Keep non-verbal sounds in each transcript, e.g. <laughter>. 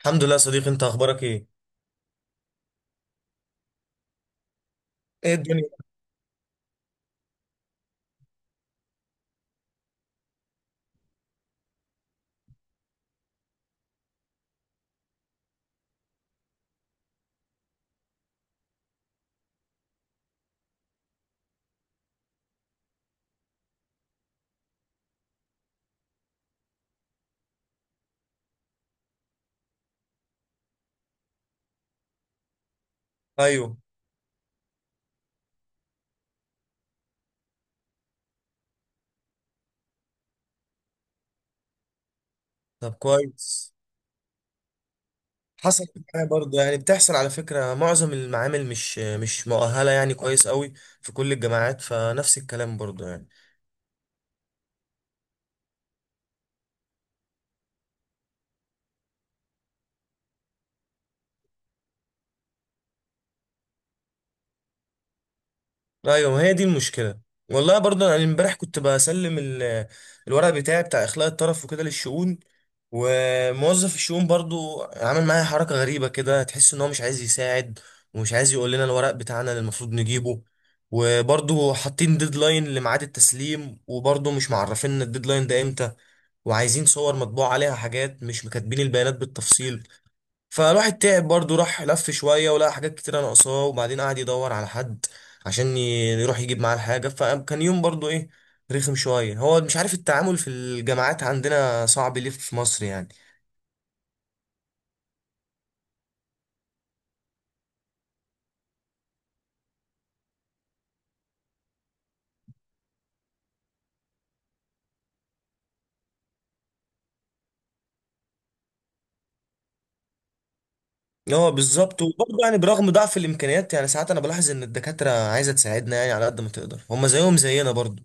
الحمد لله يا صديقي، انت اخبارك ايه؟ ايه الدنيا؟ ايوه، طب كويس. حصلت معايا برضه، يعني بتحصل على فكرة معظم المعامل مش مؤهلة يعني كويس قوي في كل الجامعات، فنفس الكلام برضه يعني. ايوه، ما هي دي المشكله. والله برضه انا امبارح كنت بسلم الورق بتاعي بتاع اخلاء الطرف وكده للشؤون. وموظف الشؤون برضه عمل معايا حركه غريبه كده، تحس ان هو مش عايز يساعد ومش عايز يقول لنا الورق بتاعنا اللي المفروض نجيبه. وبرضه حاطين ديدلاين لميعاد التسليم وبرضه مش معرفين الديدلاين ده امتى. وعايزين صور مطبوع عليها حاجات مش مكاتبين البيانات بالتفصيل. فالواحد تعب برضه، راح لف شوية ولقى حاجات كتيرة ناقصاه، وبعدين قعد يدور على حد عشان يروح يجيب معاه الحاجة. فكان يوم برضه ايه، رخم شوية، هو مش عارف. التعامل في الجامعات عندنا صعب ليه في مصر يعني. اه بالظبط. وبرضه يعني برغم ضعف الامكانيات، يعني ساعات انا بلاحظ ان الدكاترة عايزة تساعدنا يعني على قد ما تقدر، هما زيهم زينا برضه.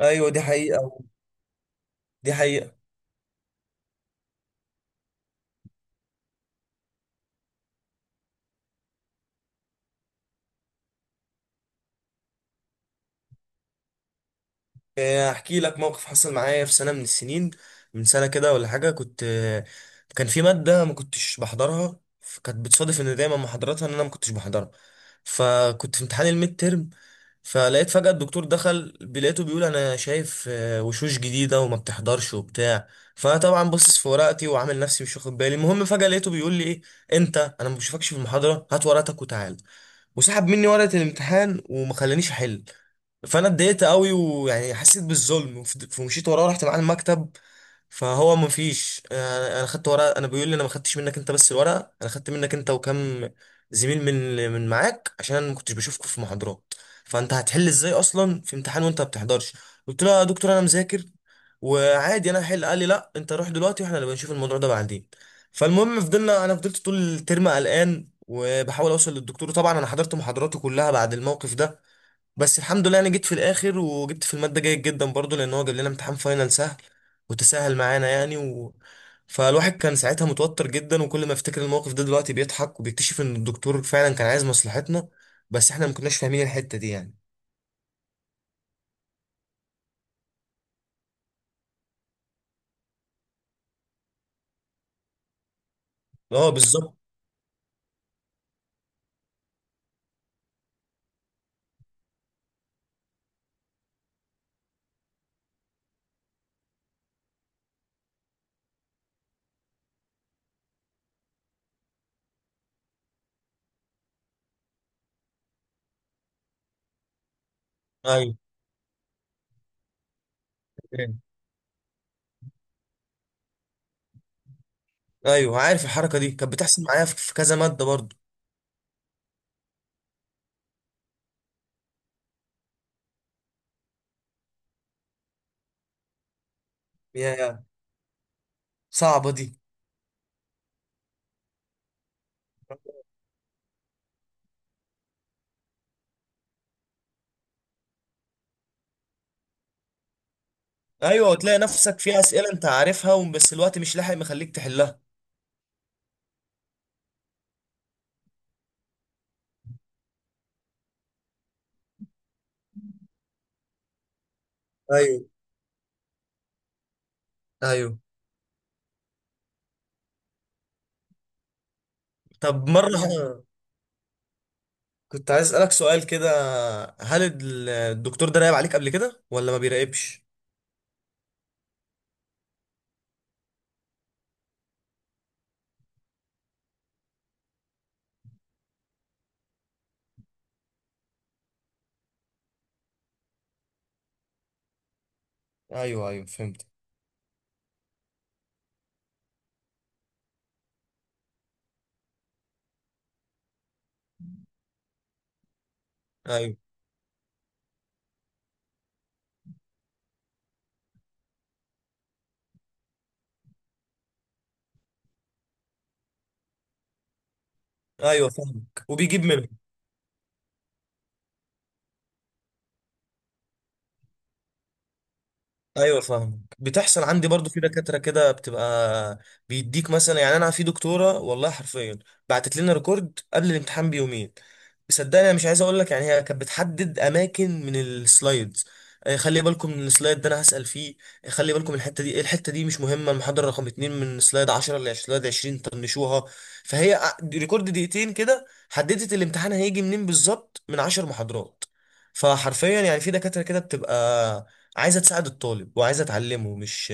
ايوه دي حقيقة. دي حقيقة. احكي لك موقف حصل معايا في سنه من السنين، من سنه كده ولا حاجه، كنت كان في ماده ما كنتش بحضرها، فكانت بتصادف ان دايما محاضراتها ان انا ما كنتش بحضرها. فكنت في امتحان الميد ترم. فلقيت فجاه الدكتور دخل، لقيته بيقول انا شايف وشوش جديده وما بتحضرش وبتاع. فطبعا باصص في ورقتي وعامل نفسي مش واخد بالي. المهم فجاه لقيته بيقول لي ايه انت، انا ما بشوفكش في المحاضره، هات ورقتك وتعال. وسحب مني ورقه الامتحان وما خلانيش احل. فانا اتضايقت قوي، ويعني حسيت بالظلم فمشيت وراه، رحت معاه المكتب. فهو مفيش أنا خدت ورقه، انا بيقول لي انا ما خدتش منك انت بس الورقه، انا خدت منك انت وكم زميل من معاك عشان انا ما كنتش بشوفكم في محاضرات. فانت هتحل ازاي اصلا في امتحان وانت ما بتحضرش؟ قلت له يا دكتور انا مذاكر وعادي انا هحل. قال لي لا انت روح دلوقتي واحنا نبقى نشوف الموضوع ده بعدين. فالمهم فضلنا، انا فضلت طول الترم قلقان وبحاول اوصل للدكتور. طبعا انا حضرت محاضراته كلها بعد الموقف ده. بس الحمد لله انا جيت في الاخر وجبت في الماده جيد جدا برضو، لان هو جاب لنا امتحان فاينل سهل وتسهل معانا يعني فالواحد كان ساعتها متوتر جدا، وكل ما افتكر الموقف ده دلوقتي بيضحك وبيكتشف ان الدكتور فعلا كان عايز مصلحتنا، بس احنا ما كناش فاهمين الحته دي يعني. اه بالظبط. ايوه، ايوه عارف، الحركه دي كانت بتحصل معايا في كذا ماده برضو. يا صعبه دي. ايوه، وتلاقي نفسك في اسئله انت عارفها بس الوقت مش لاحق مخليك تحلها. ايوه ايوه. طب مره كنت عايز اسالك سؤال كده، هل الدكتور ده راقب عليك قبل كده ولا ما بيراقبش؟ ايوه ايوه فهمت. ايوه ايوه فاهمك، وبيجيب منه. ايوه فاهمك، بتحصل عندي برضو. في دكاتره كده بتبقى بيديك مثلا، يعني انا في دكتوره والله حرفيا بعتت لنا ريكورد قبل الامتحان بيومين. صدقني انا مش عايز اقول لك، يعني هي كانت بتحدد اماكن من السلايدز، خلي بالكم من السلايد ده انا هسال فيه، خلي بالكم الحته دي، إيه، الحته دي مش مهمه، المحاضره رقم اتنين من سلايد 10 ل سلايد 20 طنشوها. فهي ريكورد دقيقتين كده، حددت الامتحان هيجي منين بالظبط من 10 محاضرات. فحرفيا يعني في دكاتره كده بتبقى عايزه تساعد الطالب وعايزه تعلمه، مش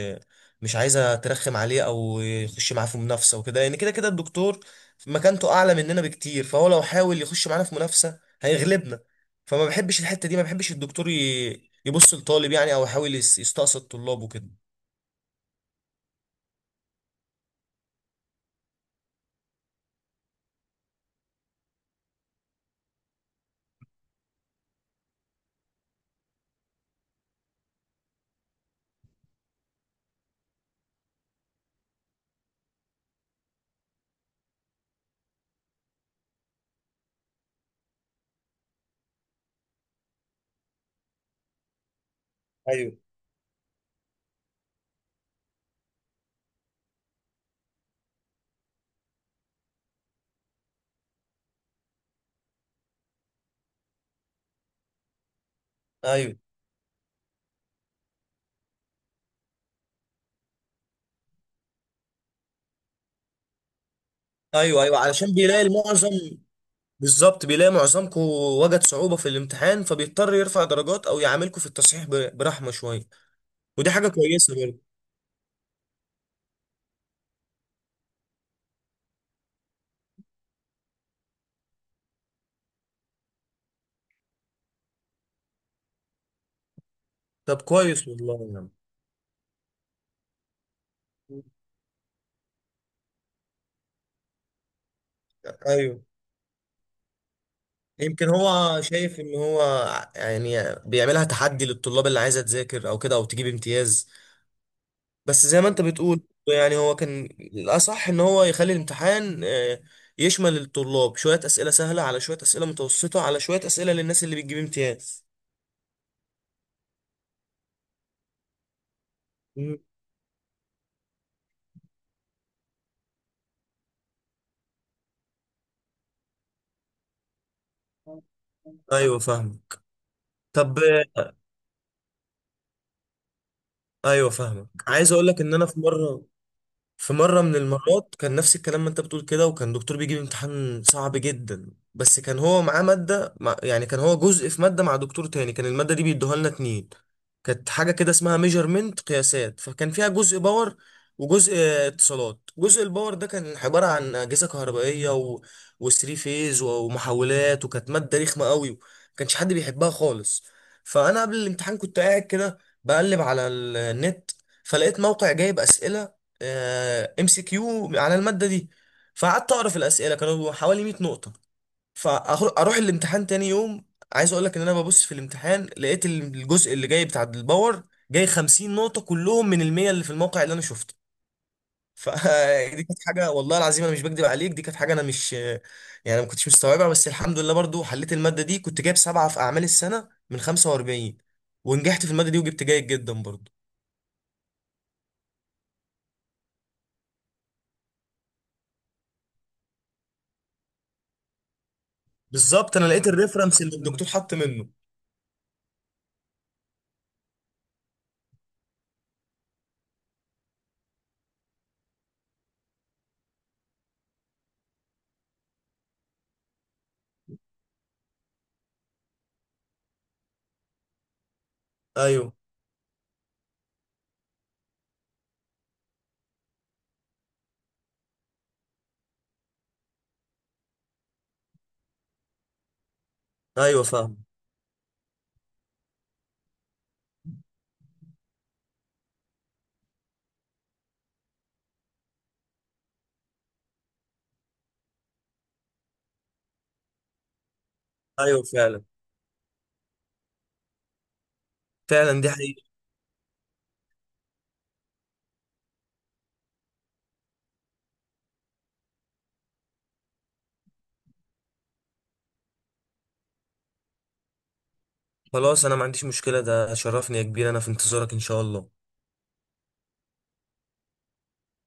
مش عايزه ترخم عليه او يخش معاه في منافسه وكده، لان كده كده الدكتور مكانته اعلى مننا بكتير، فهو لو حاول يخش معانا في منافسه هيغلبنا. فما بحبش الحته دي، ما بحبش الدكتور يبص للطالب يعني، او يحاول يستقصد طلابه كده. ايوه ايوه. ايوه ايوه علشان بيلاقي المعظم. بالظبط، بيلاقي معظمكم وجد صعوبه في الامتحان فبيضطر يرفع درجات او يعاملكم في التصحيح برحمه شويه. ودي حاجه كويسه برضه. طب كويس والله يا عم. ايوه، يمكن هو شايف ان هو يعني بيعملها تحدي للطلاب اللي عايزه تذاكر او كده، او تجيب امتياز. بس زي ما انت بتقول، يعني هو كان الاصح ان هو يخلي الامتحان يشمل الطلاب شويه اسئله سهله على شويه اسئله متوسطه على شويه اسئله للناس اللي بتجيب امتياز. مم. ايوه فاهمك. طب ايوه فاهمك. عايز اقول لك ان انا في مره، في مرة من المرات كان نفس الكلام ما انت بتقول كده، وكان دكتور بيجيب امتحان صعب جدا، بس كان هو معاه مادة مع يعني كان هو جزء في مادة مع دكتور تاني، كان المادة دي بيدوها لنا اتنين. كانت حاجة كده اسمها ميجرمنت قياسات، فكان فيها جزء باور وجزء اتصالات. جزء الباور ده كان عبارة عن أجهزة كهربائية وثري فيز ومحولات، وكانت مادة رخمة قوي ما كانش حد بيحبها خالص. فأنا قبل الامتحان كنت قاعد كده بقلب على النت، فلقيت موقع جايب أسئلة MCQ على الماده دي، فقعدت اقرا في الاسئله كانوا حوالي 100 نقطه. فاروح الامتحان تاني يوم، عايز اقول لك ان انا ببص في الامتحان لقيت الجزء اللي جاي بتاع الباور جاي 50 نقطه كلهم من المية اللي في الموقع اللي انا شفته. فدي <laughs> كانت حاجه والله العظيم انا مش بكدب عليك، دي كانت حاجه انا مش يعني ما كنتش مستوعبها، بس الحمد لله برضو حليت الماده دي، كنت جايب سبعه في اعمال السنه من 45 ونجحت في الماده دي وجبت جيد جدا برضو. بالظبط، انا لقيت الريفرنس اللي الدكتور حط منه. ايوه ايوه فاهم. ايوه فعلا. فعلا دي حقيقة. خلاص، انا ما عنديش مشكلة، ده شرفني يا كبير، انا في انتظارك ان شاء الله.